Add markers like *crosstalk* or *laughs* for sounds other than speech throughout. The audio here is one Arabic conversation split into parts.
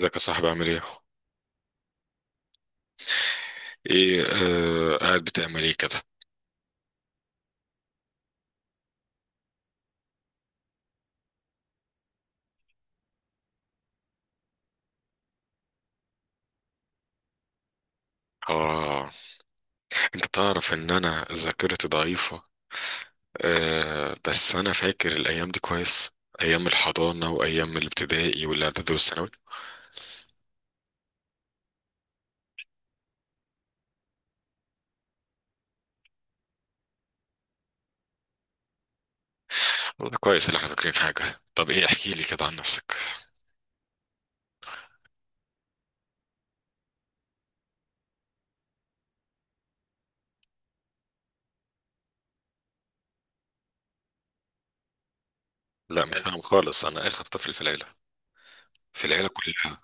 ازيك يا صاحبي عامل ايه؟ ايه؟ قاعد بتعمل ايه كده؟ اه، انت تعرف ان انا ذاكرتي ضعيفة. آه بس انا فاكر الايام دي كويس، ايام الحضانة وايام الابتدائي والاعدادي والثانوي. والله كويس اللي احنا فاكرين حاجة. طب ايه، احكي لي كده عن نفسك. لا مش فاهم خالص، انا اخر طفل في العيلة، في العيلة كلها.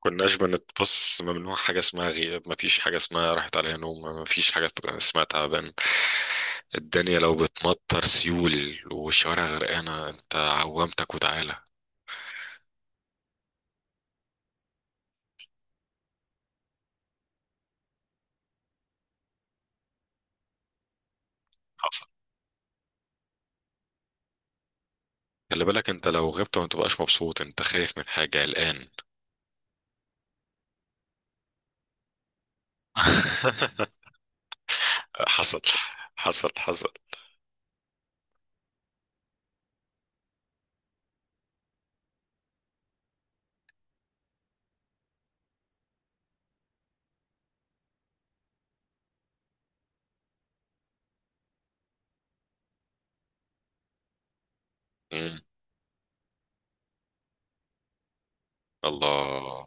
كناش بنتبص، ممنوع حاجة اسمها غياب، مفيش حاجة اسمها راحت عليها نوم، مفيش حاجة اسمها تعبان. الدنيا لو بتمطر سيول والشوارع غرقانة انت عوامتك وتعالى. حصل. خلي بالك انت لو غبت ما تبقاش مبسوط، انت خايف من حاجة الآن. *laughs* حصل حصل حصل. مم. الله.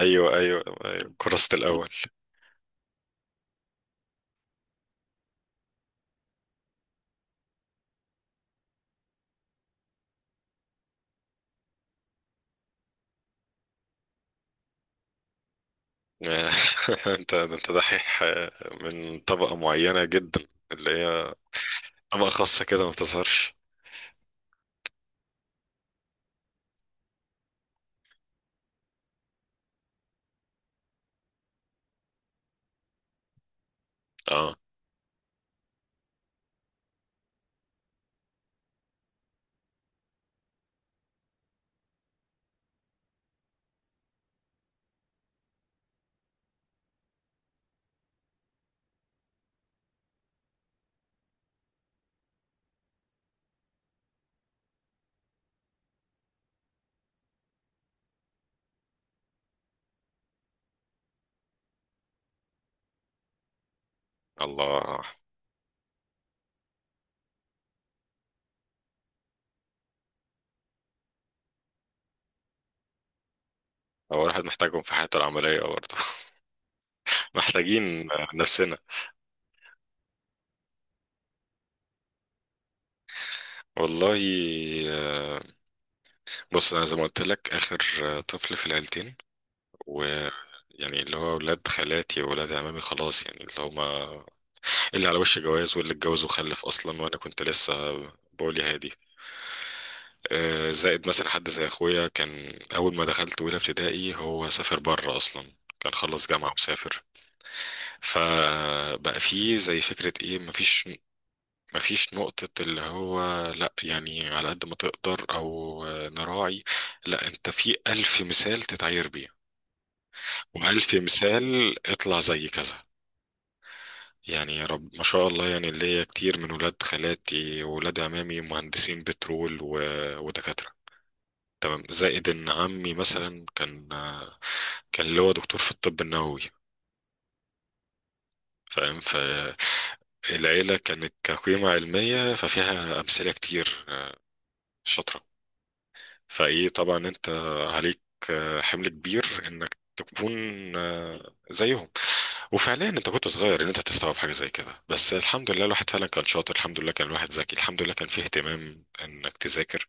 ايوه ايوه ايوه، كرست الاول. *laughs* انت دحيح، من طبقة معينة جدا، اللي هي طبقة خاصة كده ما بتظهرش. اه. الله. هو الواحد محتاجهم في حياته العملية برضه. *laughs* محتاجين نفسنا. والله، آه، بص أنا زي ما قلت لك آخر طفل في العيلتين، و يعني اللي هو ولاد خالاتي وولاد عمامي خلاص، يعني اللي هما اللي على وش جواز واللي اتجوز وخلف أصلا وأنا كنت لسه بقولي هادي. زائد مثلا حد زي أخويا كان أول ما دخلت أولى ابتدائي هو سافر بره أصلا، كان خلص جامعة وسافر. فبقى فيه زي فكرة ايه، مفيش نقطة اللي هو لا يعني على قد ما تقدر أو نراعي، لا أنت في ألف مثال تتعير بيه وألف مثال اطلع زي كذا. يعني يا رب ما شاء الله، يعني اللي هي كتير من ولاد خالاتي وولاد عمامي مهندسين بترول و... ودكاترة. تمام. زائد إن عمي مثلا كان اللي هو دكتور في الطب النووي، فاهم. فالعيلة كانت كقيمة علمية، ففيها أمثلة كتير شاطرة. فايه طبعا انت عليك حمل كبير انك تكون زيهم. وفعليا انت كنت صغير ان انت تستوعب حاجه زي كده، بس الحمد لله الواحد فعلا كان شاطر، الحمد لله كان الواحد ذكي، الحمد لله كان فيه اهتمام انك تذاكر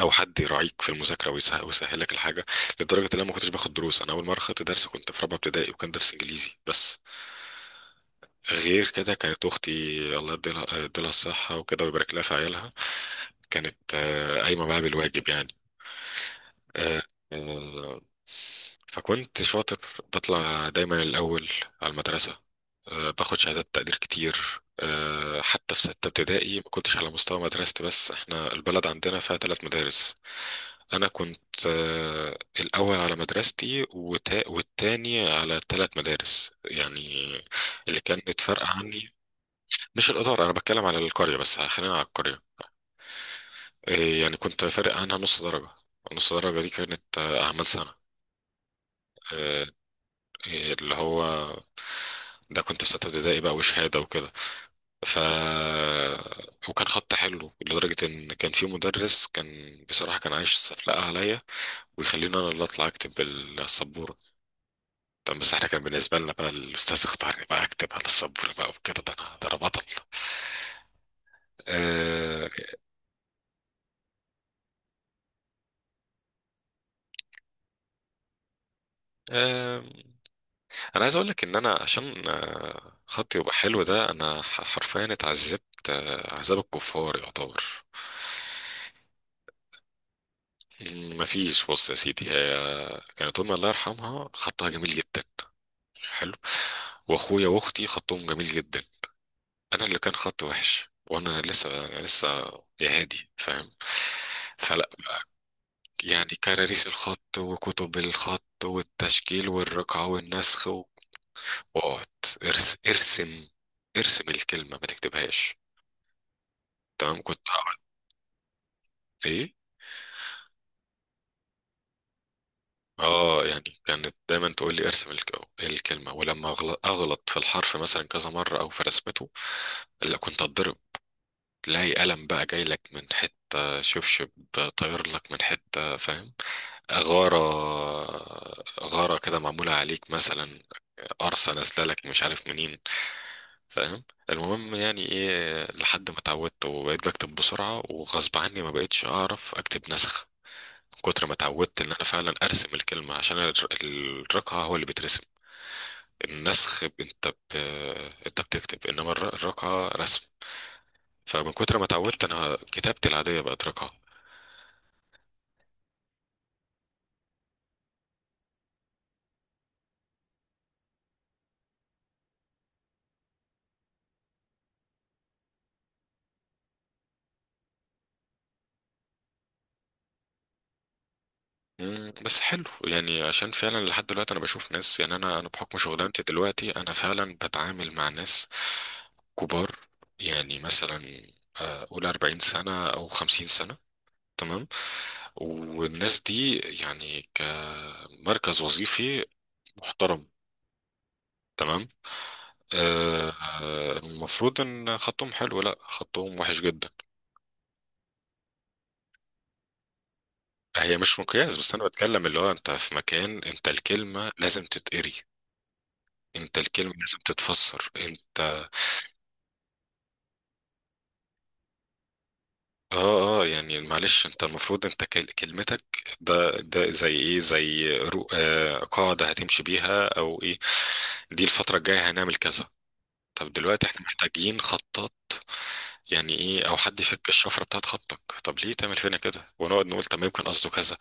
او حد يراعيك في المذاكره ويسهل لك الحاجه. لدرجه ان انا ما كنتش باخد دروس، انا اول مره خدت درس كنت في رابعه ابتدائي وكان درس انجليزي بس. غير كده كانت اختي، الله يديلها الصحه وكده ويبارك لها في عيالها، كانت قايمه بقى بالواجب يعني. آه، آه، فكنت شاطر، بطلع دايما الأول على المدرسة، باخد شهادات تقدير كتير. حتى في ستة ابتدائي ما كنتش على مستوى مدرستي، بس احنا البلد عندنا فيها ثلاث مدارس، أنا كنت الأول على مدرستي والتاني على ثلاث مدارس يعني، اللي كانت فارقة عني. مش الإدارة، أنا بتكلم على القرية، بس خلينا على القرية. آه، يعني كنت فارق عنها نص درجة، نص درجة دي كانت أعمال سنة. آه، إيه اللي هو، ده كنت في ستة ابتدائي بقى وشهادة وكده. ف وكان خط حلو لدرجة إن كان في مدرس كان بصراحة كان عايش سفلقة عليا، ويخليني أنا اللي أطلع أكتب بالسبورة. طب بس احنا كان بالنسبة لنا بقى الأستاذ اختارني بقى أكتب على السبورة بقى وكده، ده أنا، ده أنا بطل. آه آه أنا عايز أقول لك إن أنا عشان خطي يبقى حلو، ده أنا حرفيا اتعذبت عذاب الكفار يعتبر. ما فيش، بص يا سيدي، هي كانت امي الله يرحمها خطها جميل جدا، حلو، واخويا واختي خطهم جميل جدا، انا اللي كان خطي وحش، وانا لسه يا هادي فاهم. فلا يعني كراريس الخط وكتب الخط والتشكيل والرقعة والنسخ واقعد ارسم الكلمة ما تكتبهاش، تمام، كنت هقعد. ايه؟ اه يعني كانت دايما تقول لي ارسم الكلمه، ولما اغلط في الحرف مثلا كذا مره او في رسمته لا كنت اتضرب، تلاقي قلم بقى جاي لك من حته، شبشب طاير لك من حته، فاهم، غاره، غاره كده معموله عليك مثلا، قرصه نازله لك مش عارف منين، فاهم. المهم يعني ايه، لحد ما اتعودت وبقيت بكتب بسرعه، وغصب عني ما بقيتش اعرف اكتب نسخ من كتر ما اتعودت ان انا فعلا ارسم الكلمه، عشان الرقعه هو اللي بترسم، النسخ انت انت بتكتب، انما الرقعه رسم. فمن كتر ما اتعودت انا كتابتي العاديه بقت رقعه. مم، بس حلو يعني، عشان فعلا لحد دلوقتي انا بشوف ناس، يعني انا بحكم شغلانتي دلوقتي انا فعلا بتعامل مع ناس كبار. يعني مثلا قول 40 سنه او 50 سنه، تمام، والناس دي يعني كمركز وظيفي محترم، تمام، آه، المفروض ان خطهم حلو، لا خطهم وحش جدا. هي مش مقياس، بس انا بتكلم اللي هو انت في مكان، انت الكلمة لازم تتقري، انت الكلمة لازم تتفسر انت. اه اه يعني معلش، انت المفروض انت كلمتك، ده زي ايه، زي رو آه قاعدة هتمشي بيها او ايه، دي الفترة الجاية هنعمل كذا. طب دلوقتي احنا محتاجين خطات يعني، ايه او حد يفك الشفره بتاعت خطك، طب ليه تعمل فينا كده ونقعد نقول طب يمكن قصده كذا،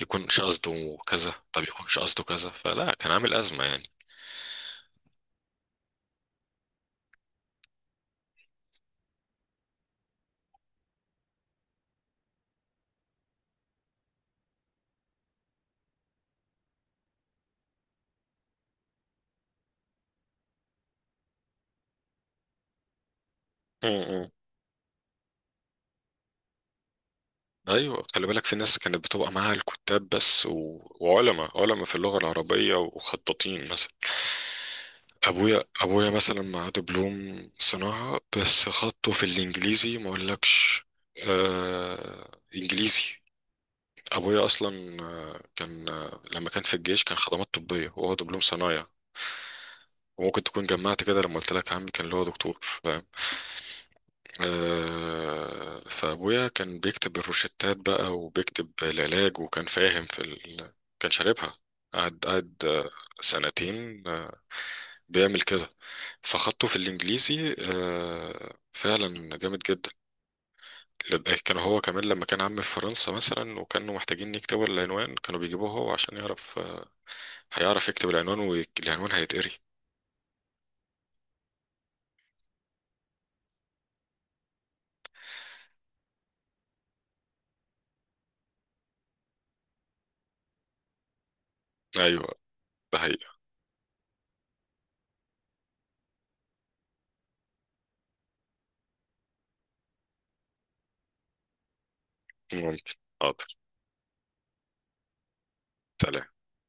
يكونش قصده كذا، طب يكونش قصده كذا، فلا كان عامل ازمه يعني. امم، ايوه، خلي بالك في ناس كانت بتبقى معاها الكتاب بس و... وعلماء، علماء في اللغه العربيه وخطاطين مثلا. ابويا مثلا معاه دبلوم صناعه بس خطه في الانجليزي ما اقولكش. انجليزي. ابويا اصلا كان لما كان في الجيش كان خدمات طبيه وهو دبلوم صنايع، وممكن تكون جمعت كده لما قلت لك عمي كان اللي هو دكتور فاهم. آه فابويا كان بيكتب الروشتات بقى وبيكتب العلاج وكان فاهم في ال... كان شاربها، قعد سنتين بيعمل كده. فخدته في الانجليزي فعلا جامد جدا. كان هو كمان لما كان عمي في فرنسا مثلا وكانوا محتاجين يكتبوا العنوان كانوا بيجيبوه هو عشان يعرف هيعرف يكتب العنوان والعنوان هيتقري. ايوه، ده حقيقة. ممكن، حاضر. سلام.